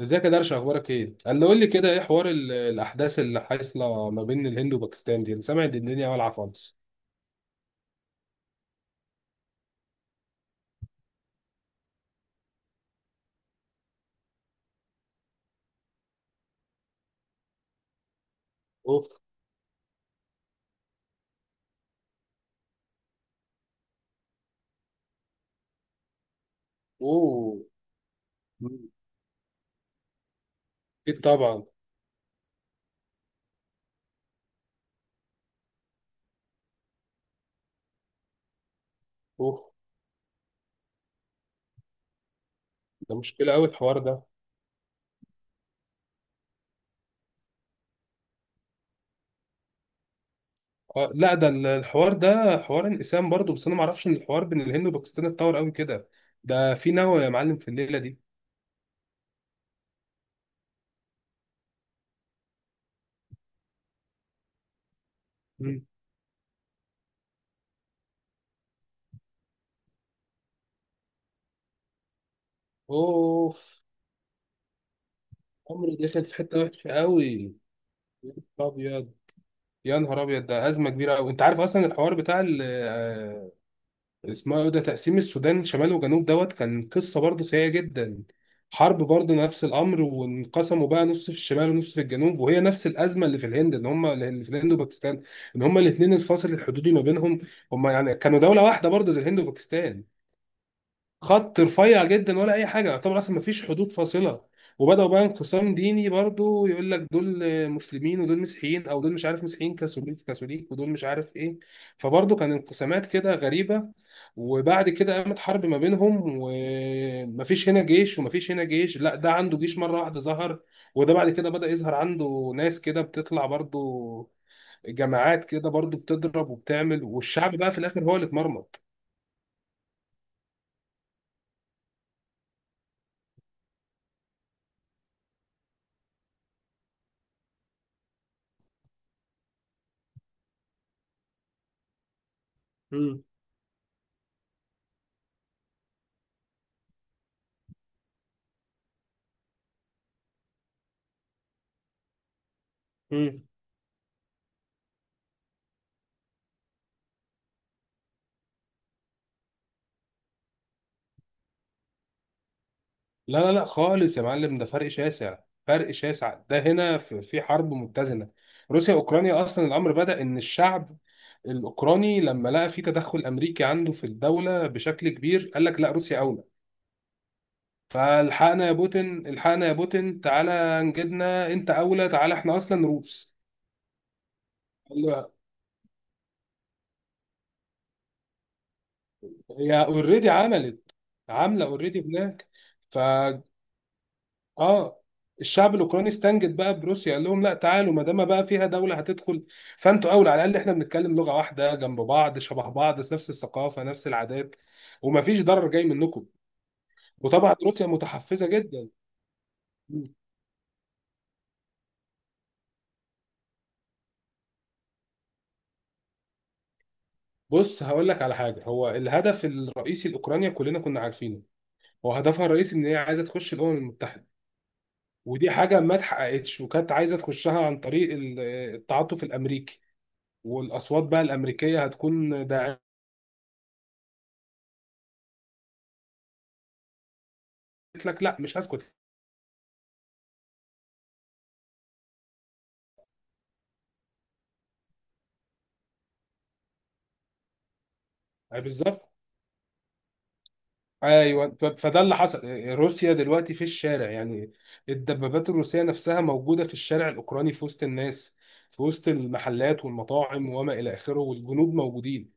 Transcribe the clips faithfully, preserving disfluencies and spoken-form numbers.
ازيك يا درش، اخبارك ايه؟ قال قول لي كده ايه حوار ال- الاحداث اللي حاصله ما بين الهند وباكستان دي؟ انا سامع ان الدنيا والعه خالص. اوف. اوه. مم. اكيد طبعا. اوه. ده مشكله قوي الحوار ده. آه، لا. ده ال- الحوار ده حوار انقسام برضه، بس انا ما اعرفش ان الحوار بين الهند وباكستان اتطور قوي كده. ده في نوى يا معلم في الليله دي. مم. اوف. عمرو دخل في حته وحشه قوي. يا نهار ابيض، يا نهار ابيض، ده ازمه كبيره قوي. انت عارف اصلا الحوار بتاع اسمه ايه، ده تقسيم السودان شمال وجنوب دوت، كان قصة برضه سيئة جدا. حرب برضه نفس الأمر، وانقسموا بقى نص في الشمال ونص في الجنوب، وهي نفس الأزمة اللي في الهند، إن هم اللي في الهند وباكستان، إن هم الاتنين الفاصل الحدودي ما بينهم. هم يعني كانوا دولة واحدة برضه زي الهند وباكستان. خط رفيع جدا ولا اي حاجه، يعتبر اصلا ما فيش حدود فاصله. وبداوا بقى انقسام ديني برضو، يقول لك دول مسلمين ودول مسيحيين، او دول مش عارف مسيحيين كاثوليك كاثوليك ودول مش عارف ايه. فبرضو كان انقسامات كده غريبه. وبعد كده قامت حرب ما بينهم، ومفيش هنا جيش ومفيش هنا جيش، لا ده عنده جيش مره واحده ظهر. وده بعد كده بدأ يظهر عنده ناس كده بتطلع برضو، جماعات كده برضو بتضرب وبتعمل، والشعب بقى في الاخر هو اللي اتمرمط. مم. لا، لا، لا، خالص يا معلم. ده فرق شاسع، فرق شاسع. ده هنا في في حرب متزنه. روسيا اوكرانيا، اصلا الامر بدا ان الشعب الاوكراني لما لقى في تدخل امريكي عنده في الدوله بشكل كبير، قال لك لا، روسيا اولى. فالحقنا يا بوتين، الحقنا يا بوتين، تعالى نجدنا، انت اولى، تعالى احنا اصلا روس. قال له، هي اوريدي عملت، عامله اوريدي هناك. اه. الشعب الاوكراني استنجد بقى بروسيا، قال لهم لا، تعالوا، ما دام بقى فيها دوله هتدخل، فانتوا اولى. على الاقل احنا بنتكلم لغه واحده، جنب بعض، شبه بعض، نفس الثقافه، نفس العادات، ومفيش ضرر جاي منكم. وطبعا روسيا متحفزه جدا. بص هقول لك على حاجه، هو الهدف الرئيسي لاوكرانيا كلنا كنا عارفينه، هو هدفها الرئيسي ان هي عايزه تخش الامم المتحده. ودي حاجه ما اتحققتش، وكانت عايزه تخشها عن طريق ال- التعاطف الامريكي، والاصوات بقى الامريكيه هتكون داعمه. قالت لك لا، مش هسكت. أي بالظبط. ايوه، ف- فده اللي حصل. روسيا دلوقتي في الشارع يعني، الدبابات الروسيه نفسها موجوده في الشارع الاوكراني، في وسط الناس، في وسط المحلات والمطاعم وما الى اخره، والجنود موجودين.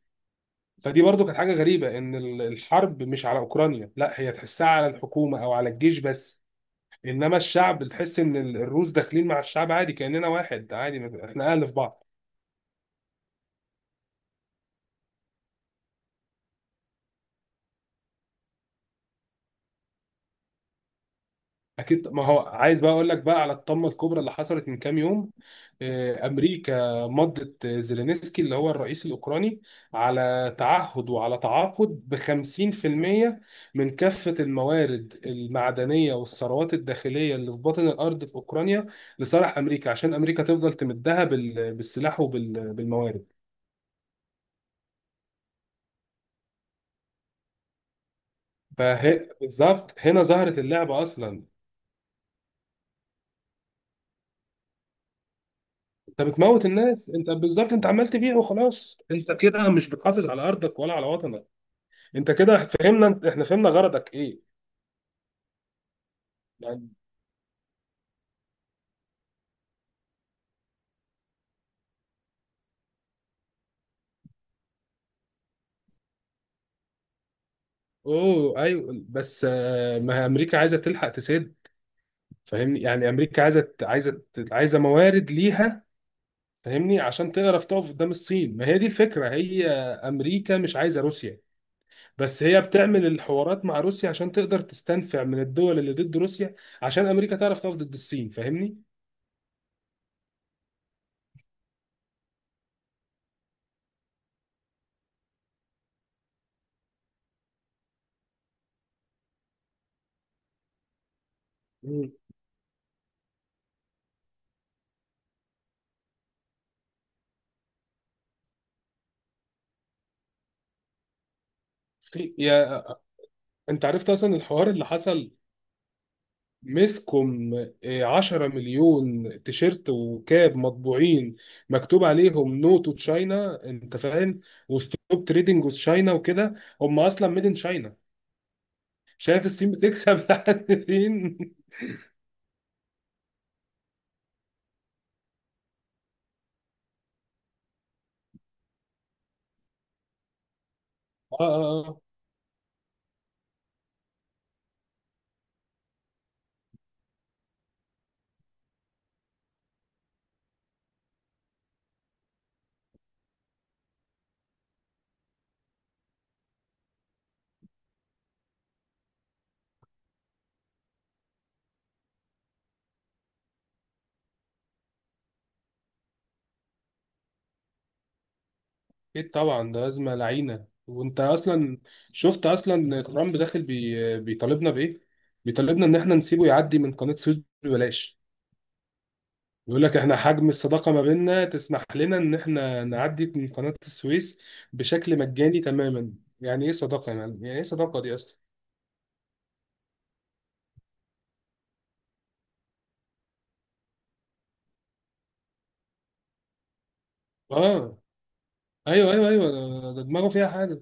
فدي برضو كانت حاجه غريبه، ان ال- الحرب مش على اوكرانيا، لا هي تحسها على الحكومه او على الجيش بس. انما الشعب تحس ان ال- الروس داخلين مع الشعب عادي، كاننا واحد عادي، ما- احنا اهل في بعض. اكيد، ما هو عايز بقى اقول لك بقى على الطامه الكبرى اللي حصلت من كام يوم. آه، امريكا مضت آه، زيلينسكي اللي هو الرئيس الاوكراني على تعهد وعلى تعاقد ب خمسين بالمية من كافه الموارد المعدنيه والثروات الداخليه اللي في باطن الارض في اوكرانيا، لصالح امريكا، عشان امريكا تفضل تمدها بال- بالسلاح وبالموارد. فهي بالظبط هنا ظهرت اللعبه اصلا. انت بتموت الناس، انت بالظبط انت عمال تبيع وخلاص، انت كده مش بتحافظ على ارضك ولا على وطنك. انت كده فهمنا، انت- احنا فهمنا غرضك ايه يعني. اوه، ايوه، بس، آه، ما هي امريكا عايزه تلحق تسد، فاهمني يعني. امريكا عايزه ت- عايزه ت- عايزه موارد ليها، فاهمني، عشان تعرف تقف قدام الصين. ما هي دي الفكره، هي امريكا مش عايزه روسيا، بس هي بتعمل الحوارات مع روسيا عشان تقدر تستنفع من الدول اللي ضد روسيا، عشان امريكا تعرف تقف ضد الصين، فاهمني. مم. يا آه، انت عرفت اصلا الحوار اللي حصل؟ مسكم، آه، 10 مليون تيشيرت وكاب مطبوعين، مكتوب عليهم نو تو تشاينا انت فاهم، وستوب تريدنج وذ تشاينا وكده. هم اصلا ميد ان تشاينا. شايف الصين بتكسب لحد فين. اه، اه، اه. اكيد طبعا، ده ازمه لعينه. وانت اصلا شفت اصلا ترامب داخل بي بيطالبنا بايه؟ بيطالبنا ان احنا نسيبه يعدي من قناه سويس ببلاش. يقول لك احنا حجم الصداقة ما بيننا تسمح لنا ان احنا نعدي من قناة السويس بشكل مجاني تماما. يعني ايه صداقة يا معلم، يعني ايه صداقة دي اصلا؟ اه، ايوه، ايوه، ايوه، ده ده دماغه فيها حاجة.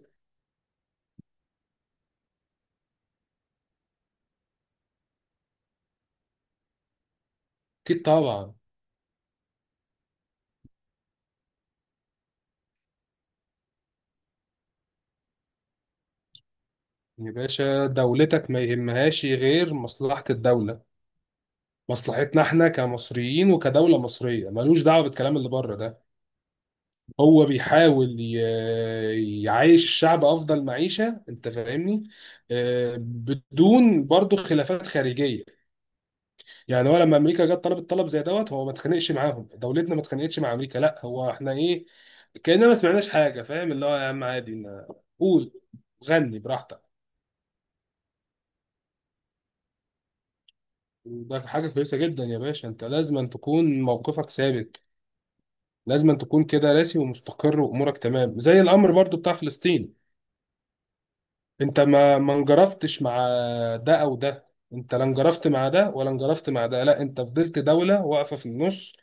اكيد طبعا. يا باشا، دولتك ما يهمهاش غير مصلحة الدولة. مصلحتنا احنا كمصريين وكدولة مصرية، ملوش دعوة بالكلام اللي بره ده. هو بيحاول ي- يعيش الشعب افضل معيشة، انت فاهمني، آه، بدون برضه خلافات خارجية. يعني هو لما امريكا جت طلبت طلب زي دوت، هو ما اتخانقش معاهم، دولتنا ما اتخانقتش مع امريكا، لا هو احنا ايه، كاننا ما سمعناش حاجه. فاهم اللي هو يا عم عادي، إن- قول، غني براحتك. ده حاجه كويسه جدا يا باشا، انت لازم تكون موقفك ثابت، لازم تكون كده راسي ومستقر وامورك تمام. زي الامر برضو بتاع فلسطين، انت ما ما انجرفتش مع ده او ده. انت لا انجرفت مع ده ولا انجرفت مع ده، لا انت فضلت دوله واقفه في النص،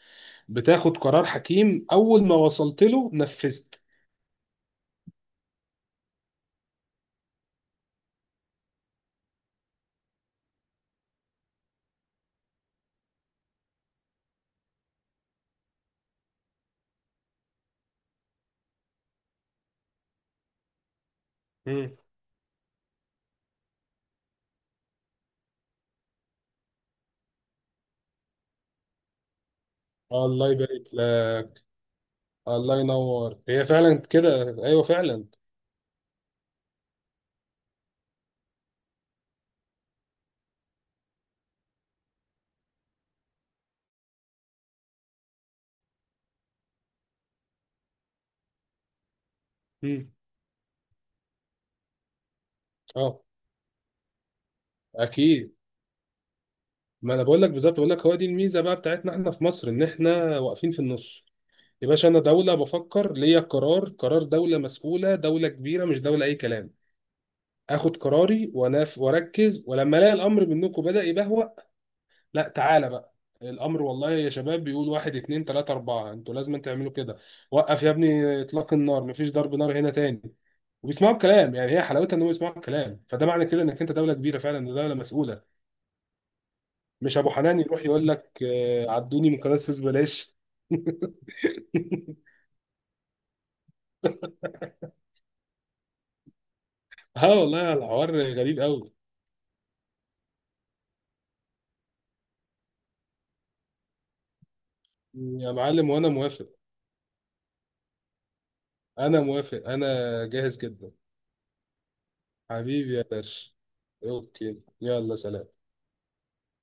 بتاخد قرار حكيم اول ما وصلت له نفذت. مم. الله يبارك لك. الله ينور، هي فعلا كده. ايوه فعلا. مم. اه، اكيد. ما انا بقول لك بالظبط، بقول لك هو دي الميزه بقى بتاعتنا احنا في مصر، ان احنا واقفين في النص. يا باشا، انا دوله بفكر ليا قرار، قرار دوله مسؤوله، دوله كبيره، مش دوله اي كلام. اخد قراري واناف واركز، ولما الاقي الامر منكم بدا يبهوأ، لا تعالى بقى الامر والله يا شباب، بيقول واحد اتنين تلاته اربعه، انتوا لازم تعملوا كده. وقف يا ابني اطلاق النار، مفيش ضرب نار هنا تاني. وبيسمعوا الكلام، يعني هي حلاوتها ان هم يسمعوا الكلام، فده معنى كده انك انت دوله كبيره فعلا، إن دوله مسؤوله. مش ابو حنان يروح يقول لك آه، عدوني من قناه السويس بلاش. اه والله الحوار غريب قوي. يا معلم وانا موافق، انا موافق، انا جاهز جدا. حبيبي يا باشا، اوكي، يلا سلام.